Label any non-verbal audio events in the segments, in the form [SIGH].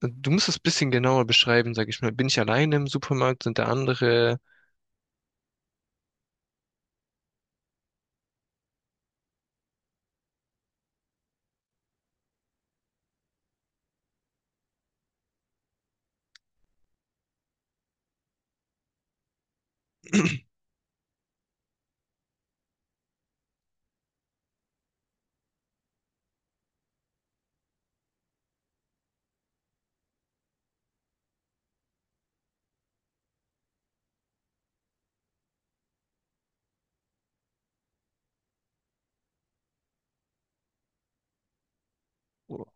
Du musst es ein bisschen genauer beschreiben, sag ich mal. Bin ich alleine im Supermarkt? Sind da andere? Oh,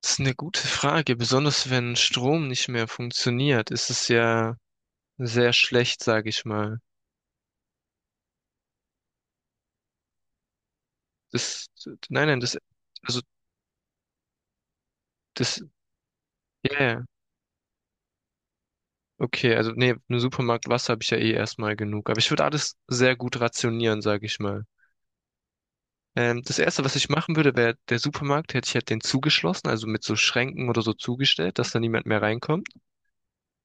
das ist eine gute Frage, besonders wenn Strom nicht mehr funktioniert, ist es ja sehr schlecht, sag ich mal. Das, nein, nein, also das, ja, yeah, okay, also nee, im Supermarkt Wasser habe ich ja eh erstmal genug, aber ich würde alles sehr gut rationieren, sag ich mal. Das Erste, was ich machen würde, wäre der Supermarkt, hätte ich halt den zugeschlossen, also mit so Schränken oder so zugestellt, dass da niemand mehr reinkommt.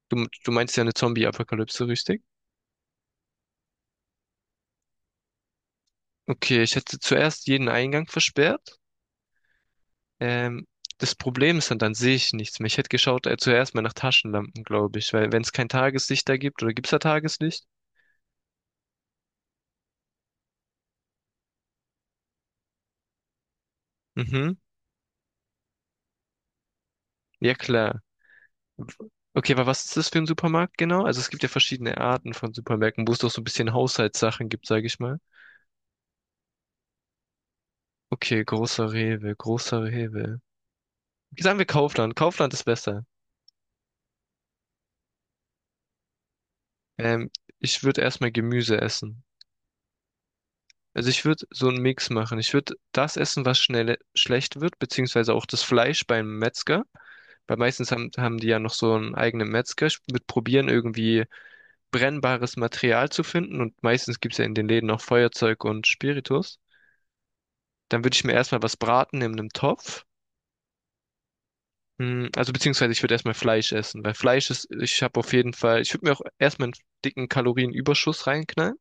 Du meinst ja eine Zombie-Apokalypse, richtig? Okay, ich hätte zuerst jeden Eingang versperrt. Ähm, Das Problem ist dann, dann sehe ich nichts mehr. Ich hätte geschaut, zuerst mal nach Taschenlampen, glaube ich, weil wenn es kein Tageslicht da gibt, oder gibt es da Tageslicht? Mhm, ja klar. W- Okay, aber was ist das für ein Supermarkt genau? Also es gibt ja verschiedene Arten von Supermärkten, wo es doch so ein bisschen Haushaltssachen gibt, sage ich mal. Okay, großer Rewe, großer Rewe. Okay, sagen wir Kaufland. Kaufland ist besser. Ähm, Ich würde erstmal Gemüse essen. Also ich würde so einen Mix machen. Ich würde das essen, was schnell schlecht wird, beziehungsweise auch das Fleisch beim Metzger. Weil meistens haben die ja noch so einen eigenen Metzger. Ich würde probieren, irgendwie brennbares Material zu finden. Und meistens gibt's ja in den Läden auch Feuerzeug und Spiritus. Dann würde ich mir erstmal was braten in einem Topf. Also beziehungsweise ich würde erstmal Fleisch essen, weil Fleisch ist, ich habe auf jeden Fall, ich würde mir auch erstmal einen dicken Kalorienüberschuss reinknallen.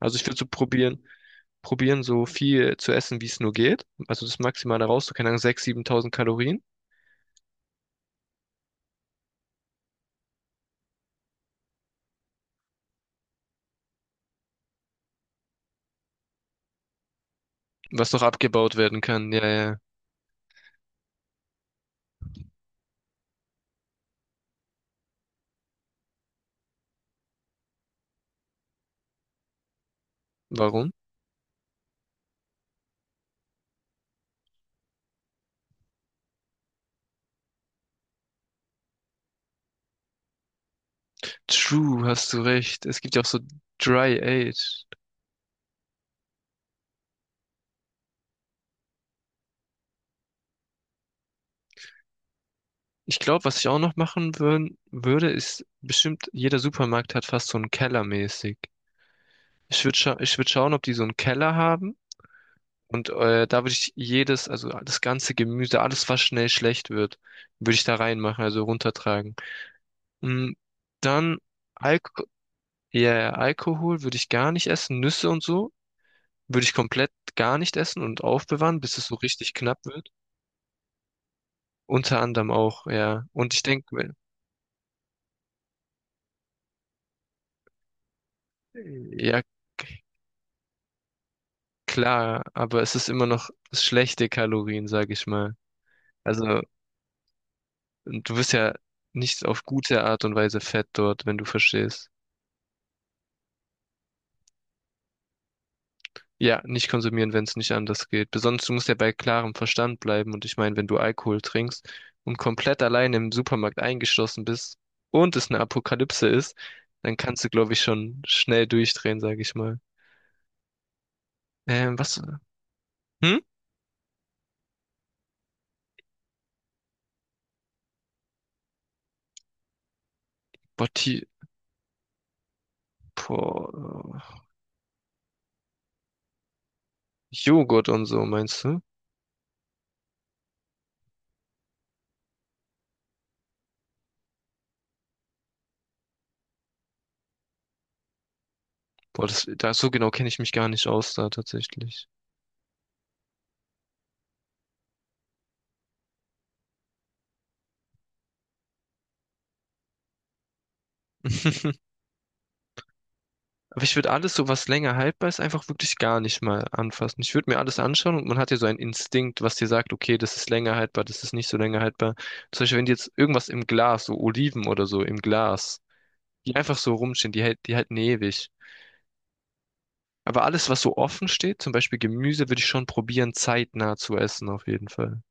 Also ich würde so probieren, so viel zu essen, wie es nur geht. Also das Maximale raus, so keine Ahnung, 6.000, 7.000 Kalorien. Was noch abgebaut werden kann, ja, ja. Warum? True, hast du recht. Es gibt ja auch so Dry Age. Ich glaube, was ich auch noch machen würde, ist bestimmt, jeder Supermarkt hat fast so einen Keller mäßig. Ich würde scha ich würd schauen, ob die so einen Keller haben. Und da würde ich jedes, also das ganze Gemüse, alles, was schnell schlecht wird, würde ich da reinmachen, also runtertragen. Mm, Dann Alko ja, ja, Alkohol würde ich gar nicht essen, Nüsse und so würde ich komplett gar nicht essen und aufbewahren, bis es so richtig knapp wird. Unter anderem auch, ja. Und ich denke, ja, klar, aber es ist immer noch schlechte Kalorien, sag ich mal. Also du wirst ja nicht auf gute Art und Weise fett dort, wenn du verstehst. Ja, nicht konsumieren, wenn es nicht anders geht. Besonders du musst ja bei klarem Verstand bleiben. Und ich meine, wenn du Alkohol trinkst und komplett allein im Supermarkt eingeschlossen bist und es eine Apokalypse ist, dann kannst du, glaube ich, schon schnell durchdrehen, sage ich mal. Was? Hm? Boah, boah, äh, Joghurt und so, meinst du? Boah, da so genau kenne ich mich gar nicht aus da tatsächlich. [LAUGHS] Aber ich würde alles, so was länger haltbar ist, einfach wirklich gar nicht mal anfassen. Ich würde mir alles anschauen und man hat ja so einen Instinkt, was dir sagt, okay, das ist länger haltbar, das ist nicht so länger haltbar. Zum Beispiel, wenn die jetzt irgendwas im Glas, so Oliven oder so im Glas, die einfach so rumstehen, die halten ewig. Aber alles, was so offen steht, zum Beispiel Gemüse, würde ich schon probieren, zeitnah zu essen, auf jeden Fall.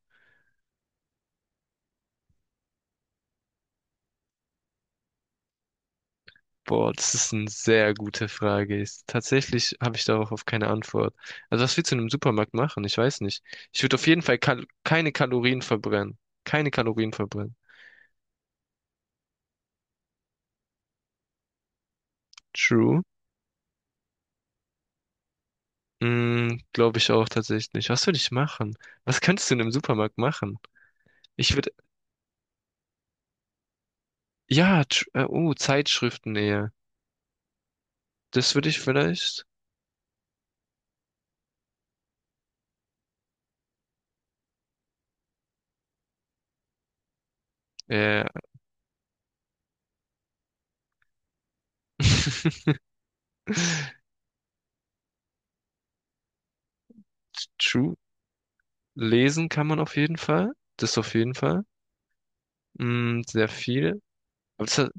Boah, das ist eine sehr gute Frage. Tatsächlich habe ich darauf auf keine Antwort. Also was willst du in einem Supermarkt machen? Ich weiß nicht. Ich würde auf jeden Fall kal keine Kalorien verbrennen. Keine Kalorien verbrennen. True. Glaube ich auch tatsächlich. Was würde ich machen? Was könntest du in einem Supermarkt machen? Ich würde, ja, Zeitschriften eher. Das würde ich vielleicht, äh, [LAUGHS] true. Lesen kann man auf jeden Fall. Das auf jeden Fall. Sehr viel. Aber das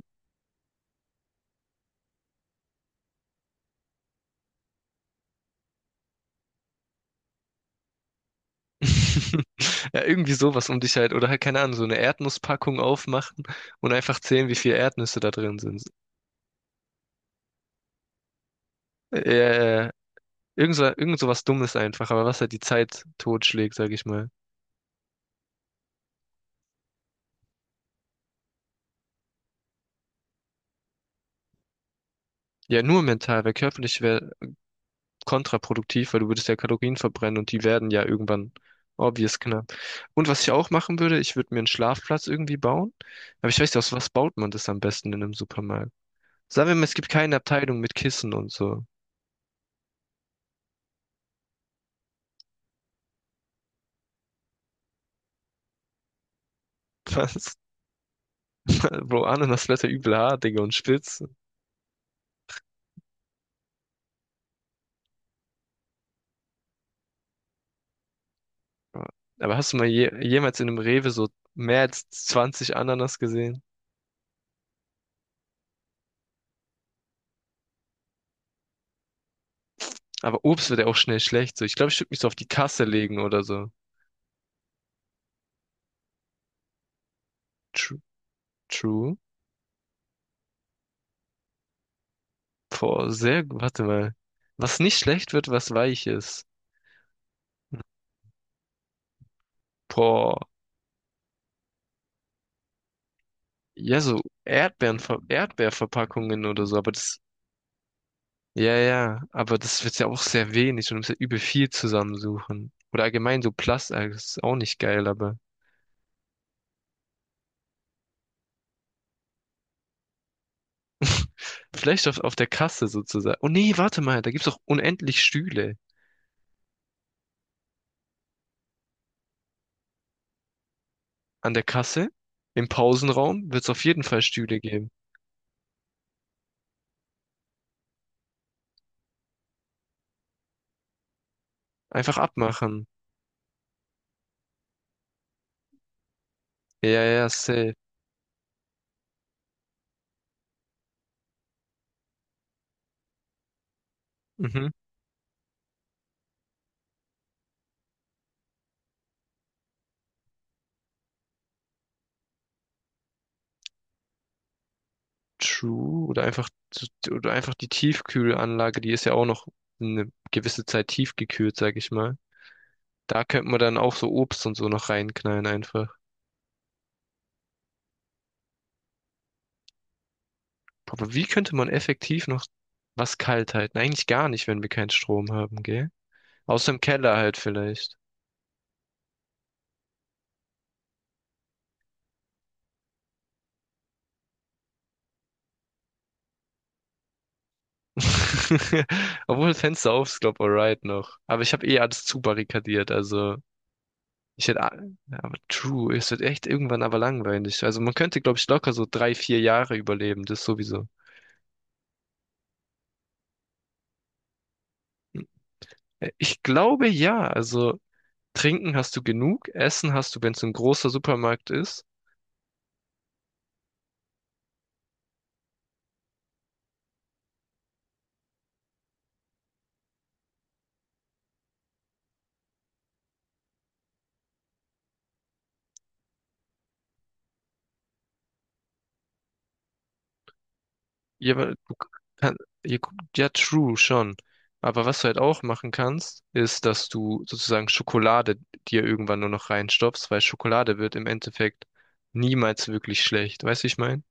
[LAUGHS] Ja, irgendwie sowas um dich halt. Oder halt, keine Ahnung, so eine Erdnusspackung aufmachen und einfach zählen, wie viele Erdnüsse da drin sind. Ja, ja, ja. Irgend sowas Dummes einfach, aber was halt die Zeit totschlägt, sag ich mal. Ja, nur mental, weil körperlich wäre kontraproduktiv, weil du würdest ja Kalorien verbrennen und die werden ja irgendwann obvious knapp. Und was ich auch machen würde, ich würde mir einen Schlafplatz irgendwie bauen. Aber ich weiß nicht, aus was baut man das am besten in einem Supermarkt? Sagen wir mal, es gibt keine Abteilung mit Kissen und so. [LAUGHS] Was? Bro, Ananas blätter übel hart, Digga, und spitz. Aber hast du mal jemals in einem Rewe so mehr als 20 Ananas gesehen? Aber Obst wird ja auch schnell schlecht. So, ich glaube, ich würde mich so auf die Kasse legen oder so. True. True. Boah, sehr gut. Warte mal. Was nicht schlecht wird, was weich ist. Boah. Ja, so Erdbeeren, Erdbeerverpackungen oder so. Aber das, ja, ja. Aber das wird ja auch sehr wenig und du musst ja übel viel zusammensuchen. Oder allgemein so Plastik, das ist auch nicht geil, aber. Vielleicht auf der Kasse sozusagen. Oh nee, warte mal, da gibt's doch unendlich Stühle. An der Kasse, im Pausenraum, wird's auf jeden Fall Stühle geben. Einfach abmachen. Ja, ja, ja, safe. Mhm. True. Oder einfach die Tiefkühlanlage, die ist ja auch noch eine gewisse Zeit tiefgekühlt, sag ich mal. Da könnte man dann auch so Obst und so noch reinknallen einfach. Aber wie könnte man effektiv noch was kalt halten? Eigentlich gar nicht, wenn wir keinen Strom haben, gell? Außer im Keller halt vielleicht. [LAUGHS] Obwohl das Fenster auf ist, glaub, alright noch. Aber ich habe eh alles zu barrikadiert, also ich hätte, ja, aber true, es wird echt irgendwann aber langweilig. Also man könnte, glaube ich, locker so 3, 4 Jahre überleben, das sowieso. Ich glaube ja, also trinken hast du genug, Essen hast du, wenn es ein großer Supermarkt ist. Ja, aber du kann, ja, gu- ja, true, schon. Aber was du halt auch machen kannst, ist, dass du sozusagen Schokolade dir irgendwann nur noch reinstopfst, weil Schokolade wird im Endeffekt niemals wirklich schlecht. Weißt du, wie ich meine?